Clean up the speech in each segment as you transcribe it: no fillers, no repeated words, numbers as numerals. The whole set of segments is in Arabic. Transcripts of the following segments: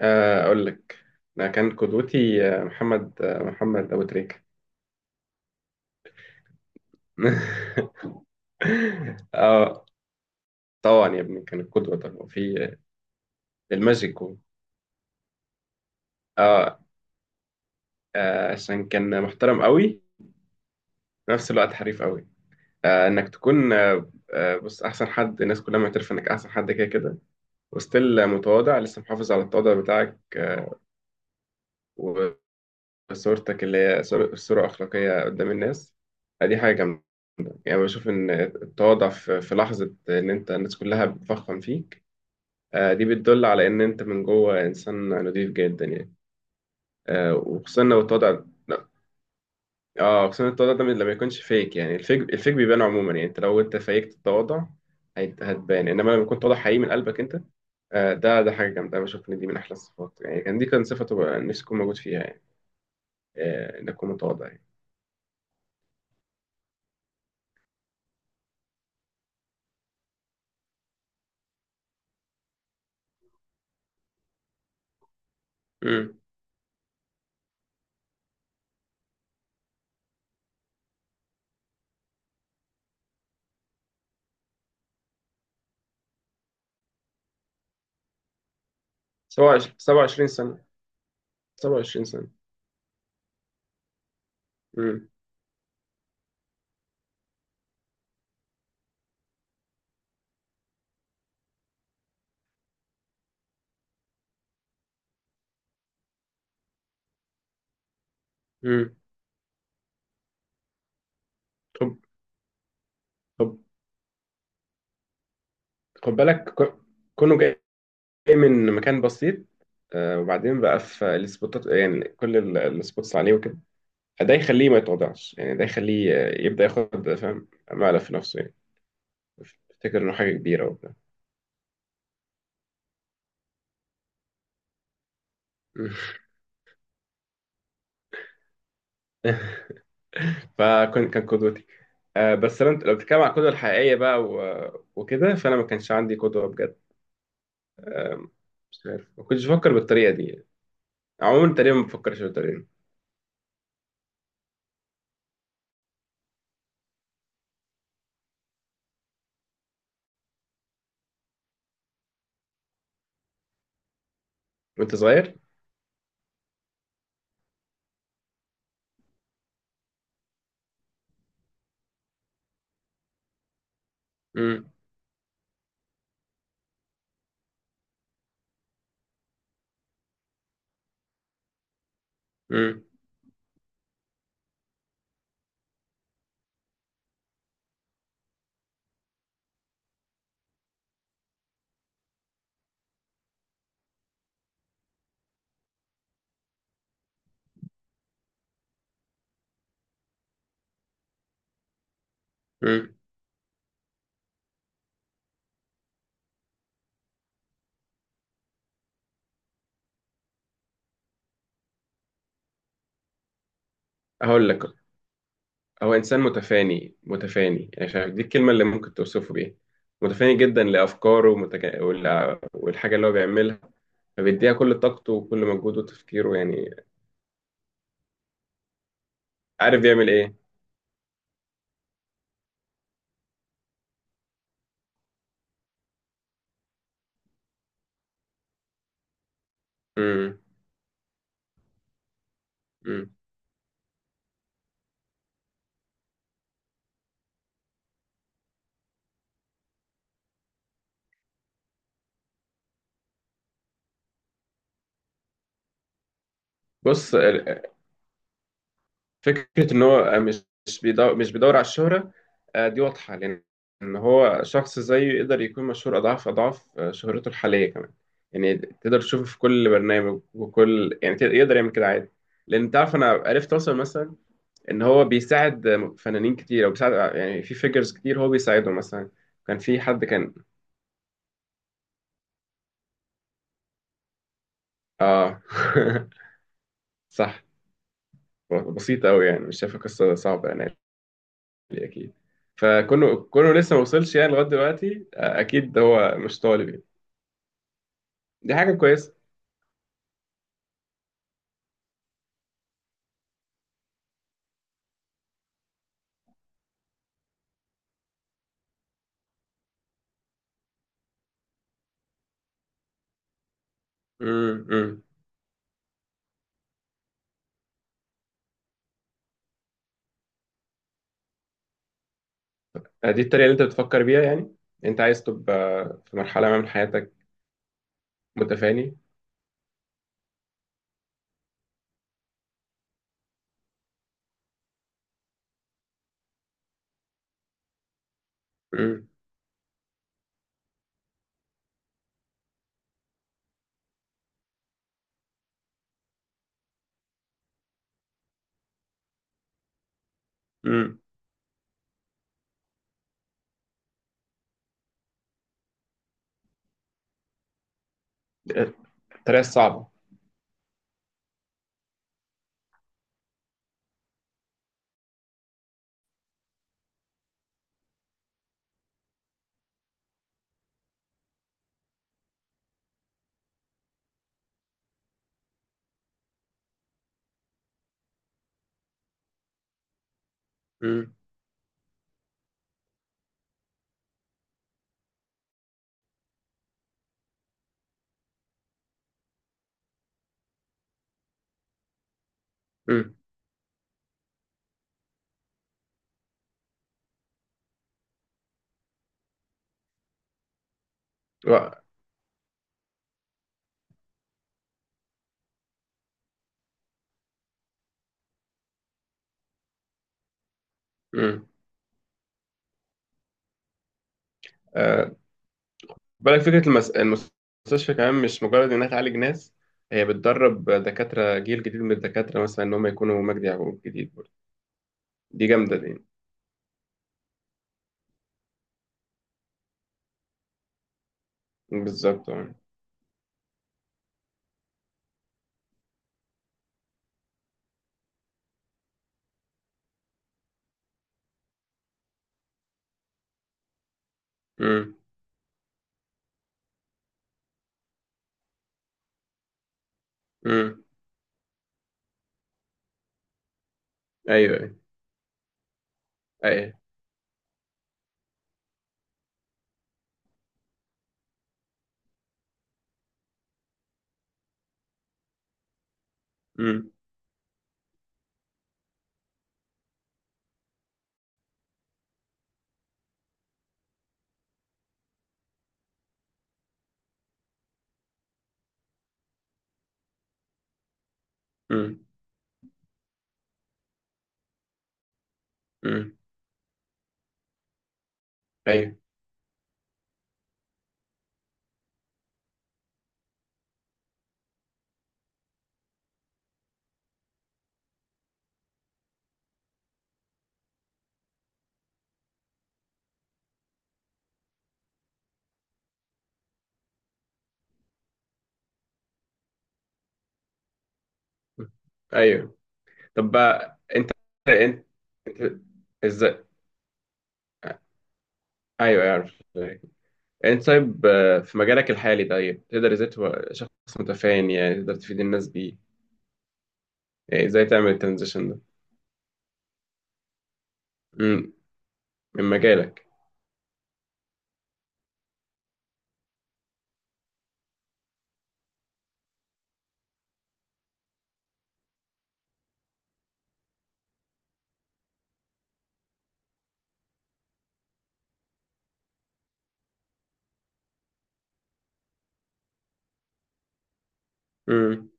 أقول لك. أنا كان قدوتي محمد أبو تريكة. آه طبعا يا ابني، كان القدوة طبعا في الماجيك هو. آه عشان كان محترم قوي، في نفس الوقت حريف قوي. إنك تكون بص، أحسن حد، الناس كلها معترفة إنك أحسن حد كده كده، وستيل متواضع، لسه محافظ على التواضع بتاعك، وصورتك اللي هي صورة أخلاقية قدام الناس. دي حاجة جامدة. يعني بشوف إن التواضع في لحظة إن أنت الناس كلها بتفخم فيك، دي بتدل على إن أنت من جوه إنسان نضيف جدا يعني. وخصوصا لو التواضع لا، اه خصوصا التواضع ده لما يكونش فيك يعني، الفيك بيبان عموما يعني. أنت لو أنت فيكت التواضع هتبان، إنما لما يكون تواضع حقيقي من قلبك أنت، ده حاجة جامدة. أنا بشوف إن دي من أحلى الصفات، يعني كان دي كان صفة تبقى نفسي أكون موجود فيها يعني، إن أكون متواضع يعني. امم 27 سنة. 27 سنة. امم امم طب، طب، خد بالك كونه جاي من مكان بسيط. وبعدين بقى في السبوتات، يعني كل السبوتس عليه وكده، ده يخليه ما يتوضعش يعني، ده يخليه يبدأ ياخد فاهم مقلب في نفسه يعني. افتكر انه حاجة كبيرة وبتاع. فكان قدوتي. بس لو انت لو بتتكلم عن القدوة الحقيقية بقى وكده، فانا ما كانش عندي قدوة بجد. مش عارف، ما كنتش بفكر بالطريقة دي يعني. عموما تقريبا ما بفكرش بالطريقة دي. وانت صغير. امم امم امم هقول لك، هو إنسان متفاني متفاني يعني، شايف دي الكلمة اللي ممكن توصفه بيها. متفاني جدا لأفكاره، والحاجة اللي هو بيعملها، فبيديها كل طاقته وكل مجهوده وتفكيره يعني. عارف يعمل إيه. امم امم بص، فكرة إن هو مش بيدور على الشهرة، دي واضحة. لأن إن هو شخص زيه يقدر يكون مشهور أضعاف أضعاف، شهرته الحالية كمان يعني. تقدر تشوفه في كل برنامج وكل، يعني يقدر يعمل كده عادي، لأن تعرف أنا عرفت أوصل مثلا ان هو بيساعد فنانين كتير، او بيساعد يعني في فيجرز كتير هو بيساعدهم مثلا. كان في حد كان. اه. صح. بسيطة أوي يعني، مش شايفة قصة صعبة يعني. أكيد. فكونه لسه ما وصلش يعني لغاية دلوقتي، أكيد هو مش طالب يعني. دي حاجة كويسة. أمم. دي الطريقة اللي أنت بتفكر بيها يعني. أنت عايز تبقى في مرحلة ما من حياتك متفاني. امم امم الطريقة الصعبة. امم امم و- امم بالك فكرة المستشفى كمان، مش مجرد إنها تعالج ناس، هي بتدرب دكاترة جيل جديد من الدكاترة، مثلا إن هم يكونوا مجدي يعقوب جديد برضه. دي جامدة دي. بالظبط، أه. أمم، أمم. أيوه، أيوه، أيوه. أمم، أمم، أمم. أيوه، أيوه. طب بقى أنت أنت إزاي؟ أيوه أعرف. أنت طيب، في مجالك الحالي، طيب تقدر إزاي تبقى شخص متفاني يعني، تقدر تفيد الناس بيه، يعني إزاي تعمل الترانزيشن ده؟ أمم، من مجالك. امم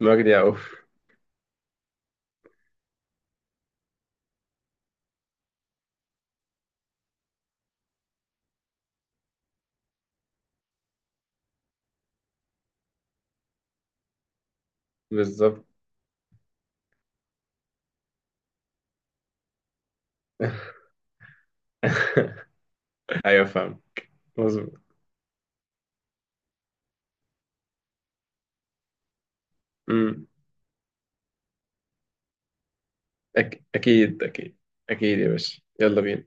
مجدي يعقوب. بالظبط. ايوه فاهم. مظبوط. امم اكيد. اكيد اكيد يا باشا، يلا بينا.